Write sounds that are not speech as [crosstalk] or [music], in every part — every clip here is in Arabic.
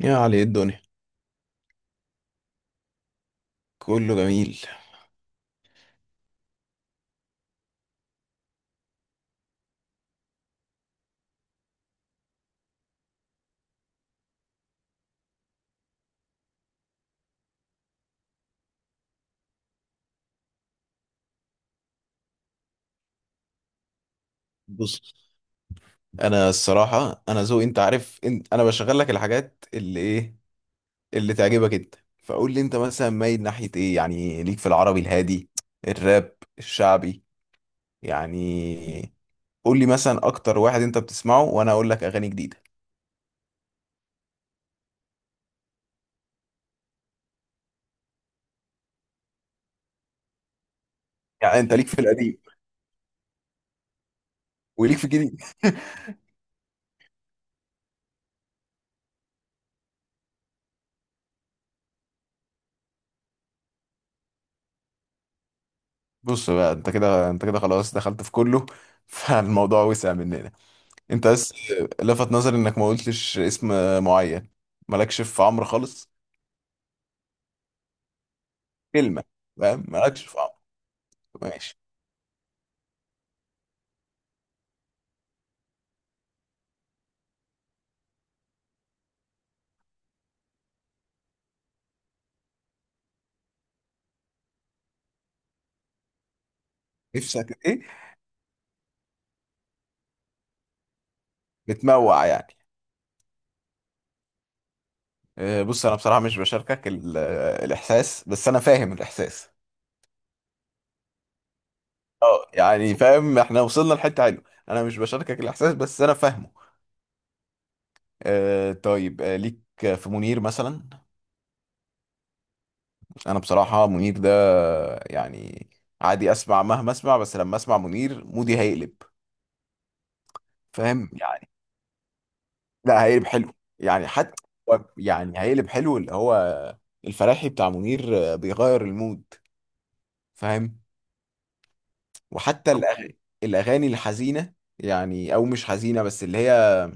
يا علي، إيه الدنيا؟ كله جميل. بص، انا الصراحه انا ذوقي، انت عارف، انا بشغل لك الحاجات اللي ايه اللي تعجبك انت، فقول لي انت مثلا مايل ناحيه ايه، يعني ليك في العربي الهادي، الراب الشعبي؟ يعني قول لي مثلا اكتر واحد انت بتسمعه وانا اقول لك اغاني جديده. يعني انت ليك في القديم وليك في الجديد. بص بقى، انت كده انت كده خلاص دخلت في كله [laughs] فالموضوع وسع مننا. انت بس لفت نظري انك ما قلتش اسم معين. مالكش في عمرو خالص كلمه؟ فاهم؟ مالكش في عمق. ماشي. نفسك ايه؟ بتموع يعني؟ بص، انا بصراحه مش بشاركك الاحساس، بس انا فاهم الاحساس. اه يعني فاهم، احنا وصلنا لحته حلوه، انا مش بشاركك الاحساس بس انا فاهمه. طيب، ليك في منير مثلا؟ انا بصراحه منير ده، يعني عادي اسمع، مهما اسمع بس لما اسمع منير مودي هيقلب. فاهم يعني؟ لا هيقلب حلو. يعني حتى، يعني هيقلب حلو، اللي هو الفراحي بتاع منير بيغير المود. فاهم؟ وحتى طب الاغاني الحزينه، يعني او مش حزينه بس اللي هي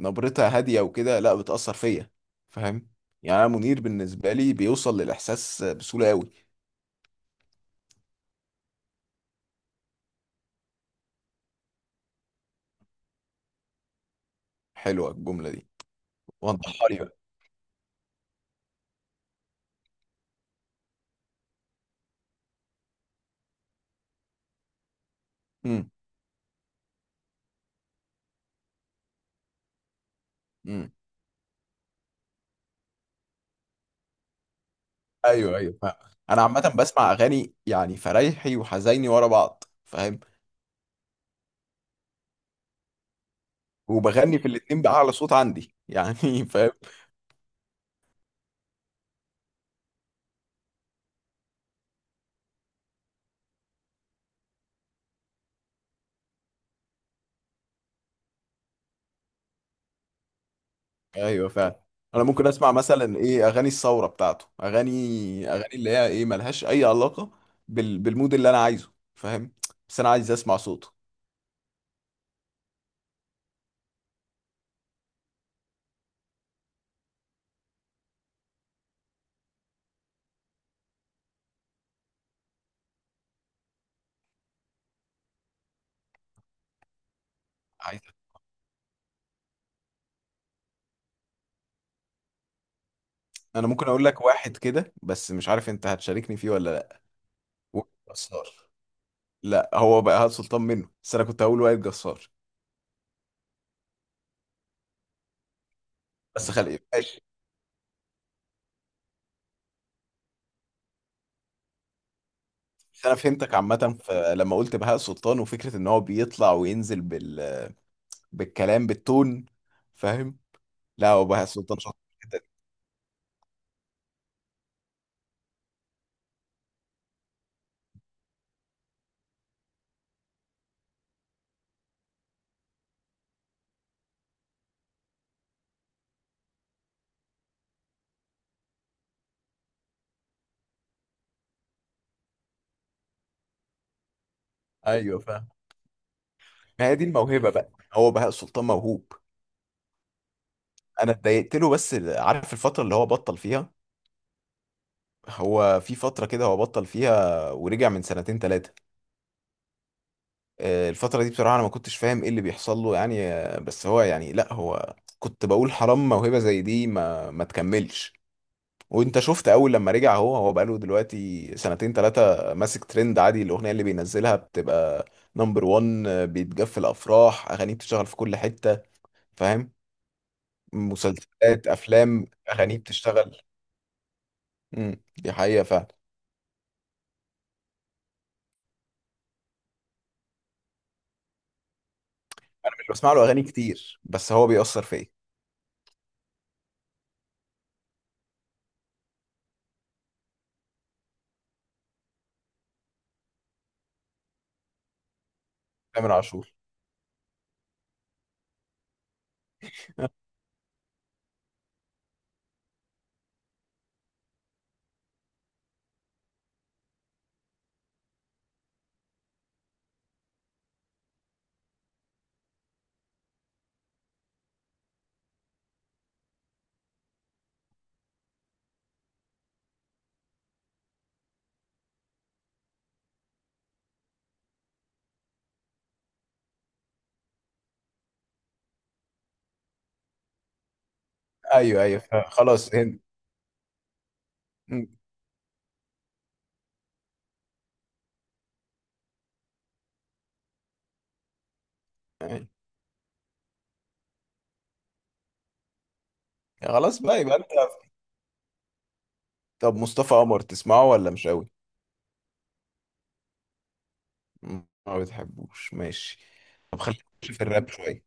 نبرتها هاديه وكده، لا بتاثر فيا. فاهم؟ يعني انا منير بالنسبه لي بيوصل للاحساس بسهوله قوي. حلوه الجمله دي. وضحها لي بقى. امم، امم، ايوه ايوه فاهم. انا عامه بسمع اغاني يعني فرايحي وحزيني ورا بعض. فاهم؟ وبغني في الاتنين باعلى صوت عندي يعني [laughs] فاهم. ايوه فعلا. انا ممكن اسمع مثلا ايه اغاني الثوره بتاعته، اغاني اللي هي ايه، ملهاش اي علاقه بالمود اللي انا عايزه. فاهم؟ بس انا عايز اسمع صوته. عايز انا ممكن اقول لك واحد كده بس مش عارف انت هتشاركني فيه ولا لا. وائل جسار. لا هو بقى هاد سلطان منه، بس انا كنت هقول وائل جسار. بس خلي ماشي. بس انا فهمتك عامه، لما قلت بهاء سلطان وفكره ان هو بيطلع وينزل بالكلام بالتون. فاهم؟ لا هو بهاء سلطان شاطر جدا. ايوه فاهم. ما هي دي الموهبه بقى، هو بهاء سلطان موهوب. انا اتضايقت له، بس عارف الفتره اللي هو بطل فيها. هو في فتره كده هو بطل فيها ورجع من سنتين ثلاثه. الفتره دي بصراحه انا ما كنتش فاهم ايه اللي بيحصل له، يعني بس هو يعني، لا هو كنت بقول حرام موهبه زي دي ما تكملش. وانت شفت اول لما رجع، هو بقاله دلوقتي سنتين ثلاثه ماسك ترند، عادي الاغنيه اللي بينزلها بتبقى نمبر 1. بيتجف الافراح، اغانيه بتشتغل في كل حته. فاهم؟ مسلسلات، افلام، اغانيه بتشتغل. دي حقيقه فعلا. انا مش بسمع له اغاني كتير بس هو بيأثر فيا. تامر عاشور. ايوه ايوه، خلاص هند. أمم، أيوة. خلاص بقى يبقى انت. طب مصطفى قمر تسمعه ولا مش قوي؟ ما بتحبوش؟ ماشي. طب خلينا نخش في الراب شويه.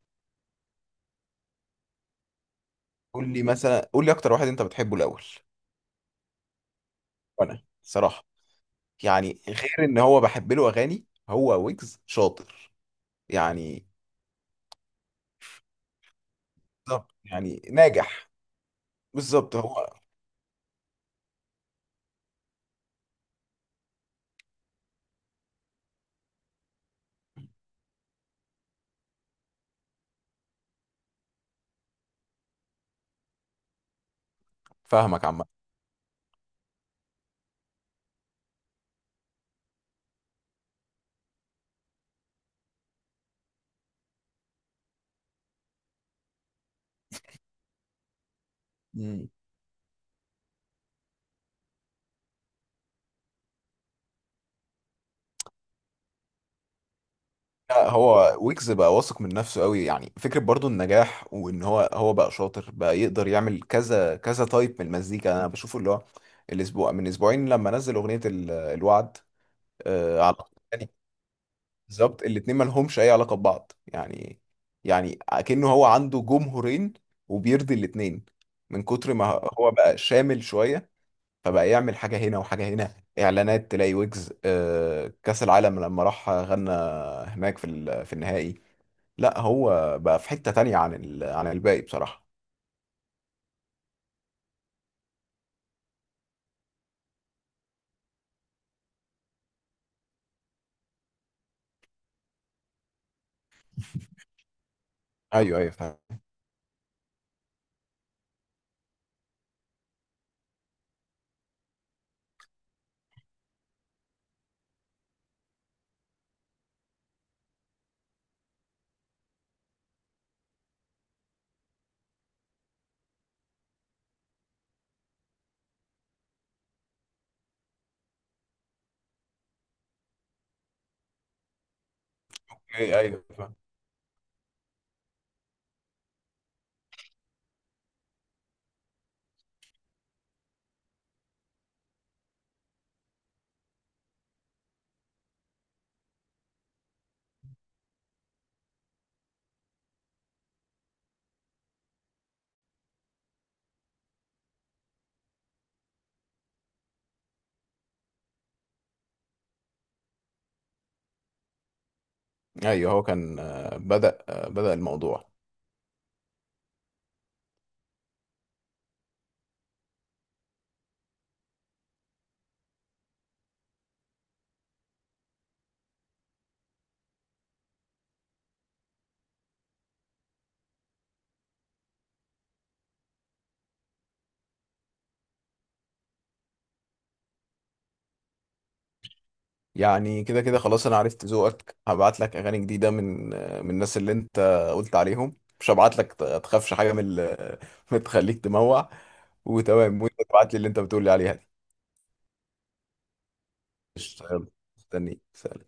قول لي مثلا، قول لي اكتر واحد انت بتحبه الاول. وانا صراحه، يعني غير ان هو بحب له اغاني، هو ويجز شاطر يعني. بالظبط يعني ناجح. بالظبط هو. فاهمك عم. مم. لا هو ويجز بقى واثق من نفسه قوي، يعني فكرة برضو النجاح وان هو بقى شاطر، بقى يقدر يعمل كذا كذا تايب من المزيكا. انا بشوفه اللي هو الاسبوع من اسبوعين لما نزل اغنية الوعد. على، يعني بالظبط الاتنين ما لهمش اي علاقة ببعض يعني. يعني اكنه هو عنده جمهورين وبيرضي الاتنين، من كتر ما هو بقى شامل شوية. فبقى يعمل حاجة هنا وحاجة هنا، إعلانات تلاقي ويجز كأس العالم لما راح غنى هناك في النهائي. لا هو بقى في حتة تانية عن الباقي بصراحة. أيوه أيوه فاهم. أيوه أيوه فاهم. أيوه، هو كان بدأ الموضوع. يعني كده كده خلاص، أنا عرفت ذوقك، هبعت لك أغاني جديدة من الناس اللي أنت قلت عليهم، مش هبعت لك تخافش حاجة [laughs] من تخليك تموع. وتمام، وأنت تبعت لي اللي أنت بتقول لي عليها دي. قشطة، يلا، مستنيك، سلام.